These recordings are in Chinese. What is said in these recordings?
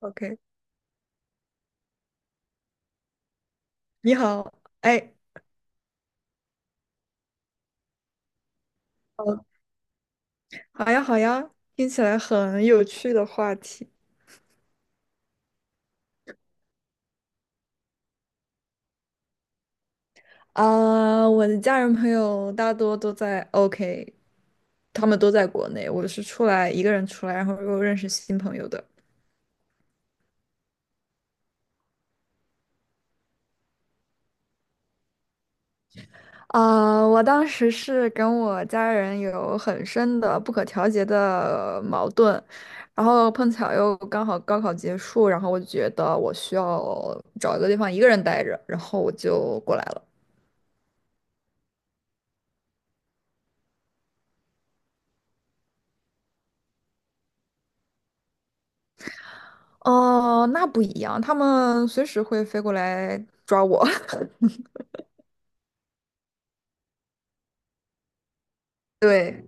OK，你好，哎，哦，好呀，好呀，听起来很有趣的话题。啊，我的家人朋友大多都在 OK，他们都在国内，我是出来一个人出来，然后又认识新朋友的。啊，我当时是跟我家人有很深的不可调节的矛盾，然后碰巧又刚好高考结束，然后我就觉得我需要找一个地方一个人待着，然后我就过来了。哦，那不一样，他们随时会飞过来抓我。对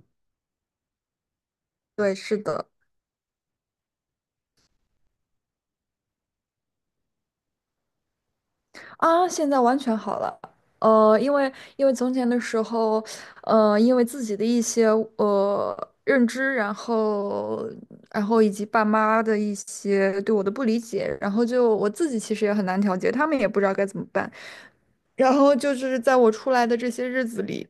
对，是的。啊，现在完全好了。因为从前的时候，因为自己的一些认知，然后以及爸妈的一些对我的不理解，然后就我自己其实也很难调节，他们也不知道该怎么办。然后就是在我出来的这些日子里，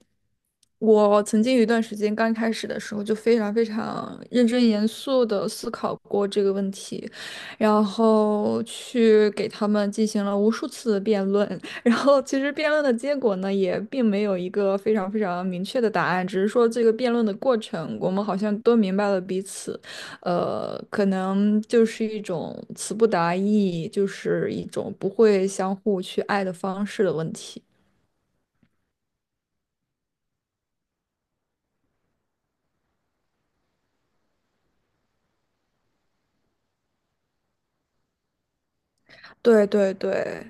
我曾经有一段时间，刚开始的时候就非常非常认真严肃的思考过这个问题，然后去给他们进行了无数次的辩论，然后其实辩论的结果呢，也并没有一个非常非常明确的答案，只是说这个辩论的过程，我们好像都明白了彼此，可能就是一种词不达意，就是一种不会相互去爱的方式的问题。对对对。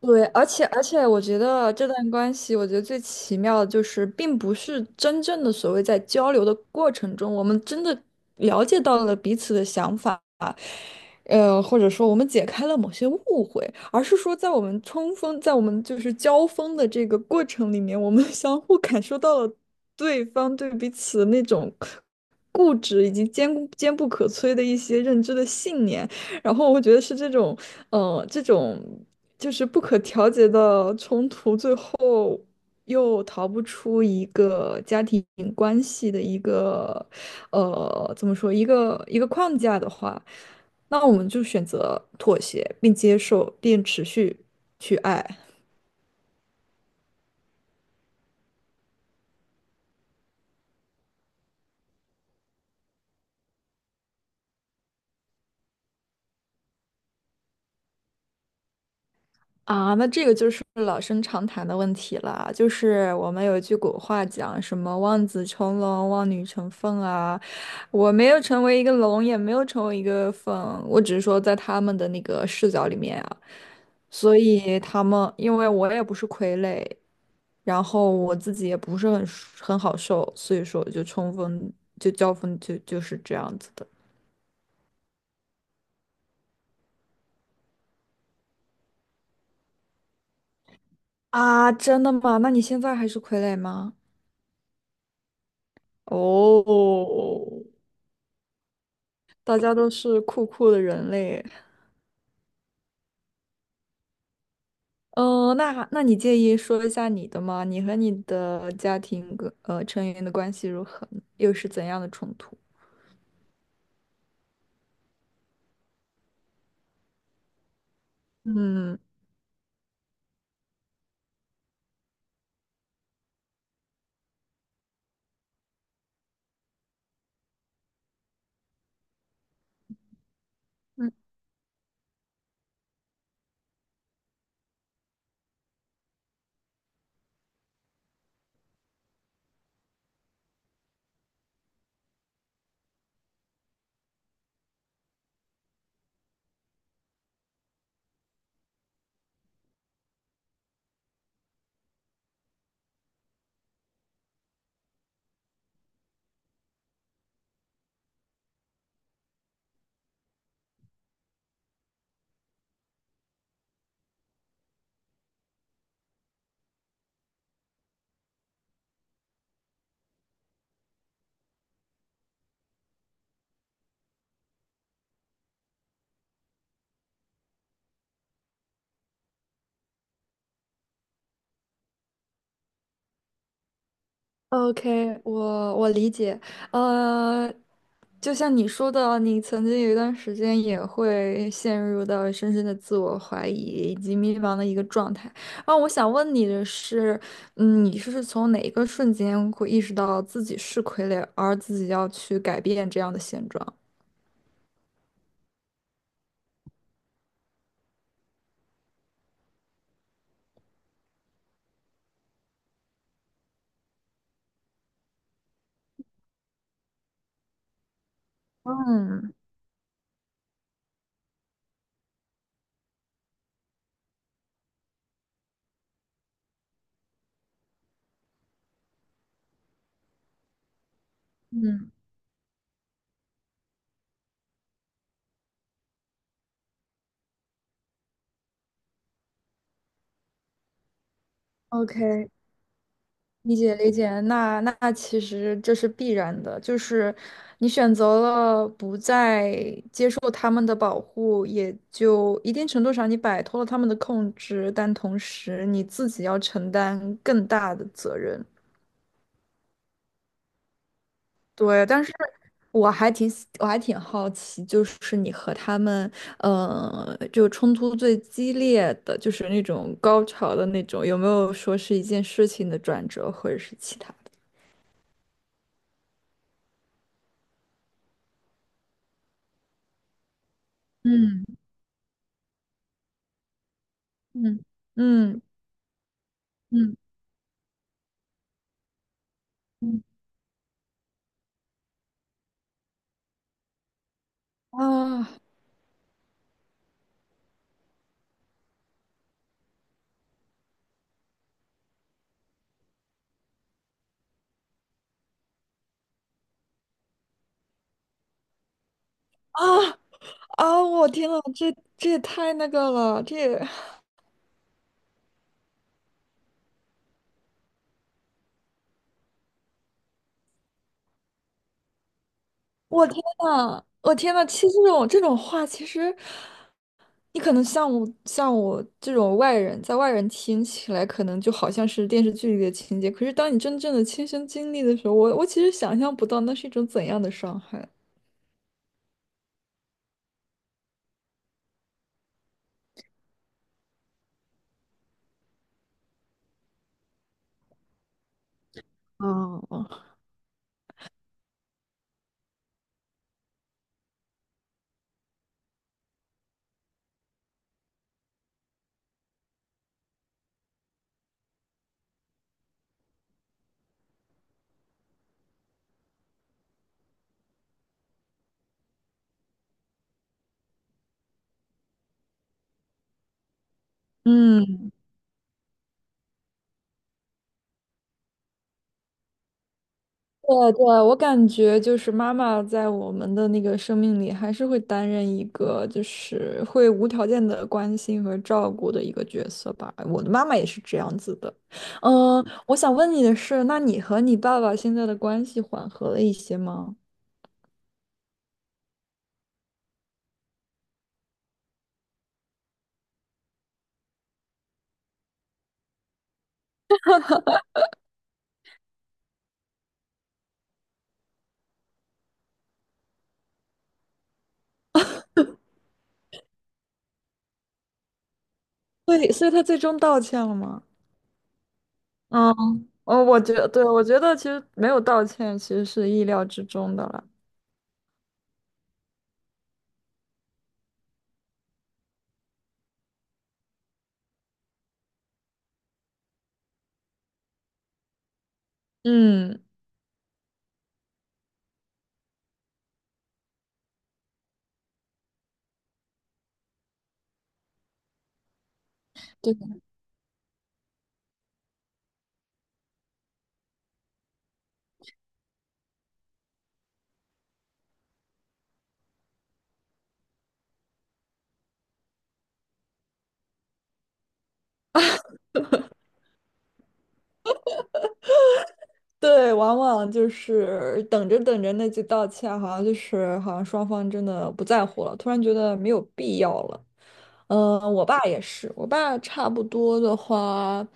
对，而且，我觉得这段关系，我觉得最奇妙的就是，并不是真正的所谓在交流的过程中，我们真的了解到了彼此的想法，或者说我们解开了某些误会，而是说在我们冲锋，在我们就是交锋的这个过程里面，我们 相互感受到了对方对彼此的那种固执以及坚固坚不可摧的一些认知的信念，然后我觉得是这种，这种就是不可调节的冲突，最后又逃不出一个家庭关系的一个，怎么说，一个框架的话。那我们就选择妥协，并接受，并持续去爱。啊，那这个就是老生常谈的问题了，就是我们有一句古话讲什么“望子成龙，望女成凤”啊。我没有成为一个龙，也没有成为一个凤，我只是说在他们的那个视角里面啊，所以他们因为我也不是傀儡，然后我自己也不是很好受，所以说我就冲锋，就交锋，就是这样子的。啊，真的吗？那你现在还是傀儡吗？哦，大家都是酷酷的人类。嗯，那你介意说一下你的吗？你和你的家庭成员的关系如何呢又是怎样的冲突？嗯， OK，我理解，呃，就像你说的啊，你曾经有一段时间也会陷入到深深的自我怀疑以及迷茫的一个状态。啊，我想问你的是，嗯，你是从哪一个瞬间会意识到自己是傀儡，而自己要去改变这样的现状？嗯嗯。嗯，OK。理解理解，那其实这是必然的，就是你选择了不再接受他们的保护，也就一定程度上你摆脱了他们的控制，但同时你自己要承担更大的责任。对，但是我还挺好奇，就是你和他们，就冲突最激烈的，就是那种高潮的那种，有没有说是一件事情的转折，或者是其他的？嗯嗯。嗯，嗯嗯，啊，啊，啊！我天呐，这也太那个了，我天呐，我天呐！其实这种话，其实你可能像我这种外人，在外人听起来，可能就好像是电视剧里的情节。可是当你真正的亲身经历的时候，我其实想象不到那是一种怎样的伤害。哦哦。嗯。对对，我感觉就是妈妈在我们的那个生命里，还是会担任一个就是会无条件的关心和照顾的一个角色吧。我的妈妈也是这样子的。嗯，我想问你的是，那你和你爸爸现在的关系缓和了一些吗？对，所以他最终道歉了吗？嗯，哦，我觉得，对，我觉得其实没有道歉，其实是意料之中的了。嗯，对。对，往往就是等着等着，那句道歉好像就是好像双方真的不在乎了，突然觉得没有必要了。嗯，我爸也是，我爸差不多的话，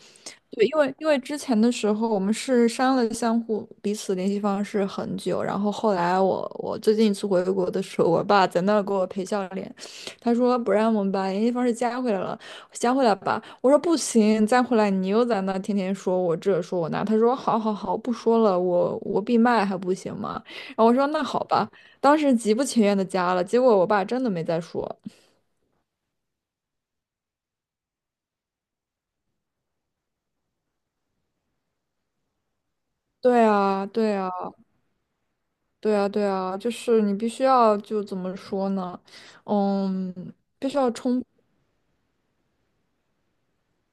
对，因为之前的时候我们是删了相互彼此联系方式很久，然后后来我最近一次回国的时候，我爸在那儿给我赔笑脸，他说不让我们把联系方式加回来了，先回来吧。我说不行，再回来你又在那天天说我这说我那。他说好好好，不说了，我闭麦还不行吗？然后我说那好吧。当时极不情愿的加了，结果我爸真的没再说。对啊，对啊，对啊，对啊，就是你必须要就怎么说呢？嗯，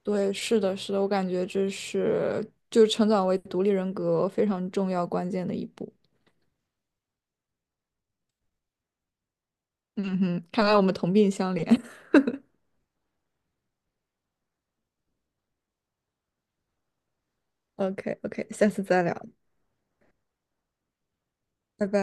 对，是的，是的，我感觉这是就成长为独立人格非常重要关键的一步。嗯哼，看来我们同病相怜。O K O K 下次再聊，拜拜。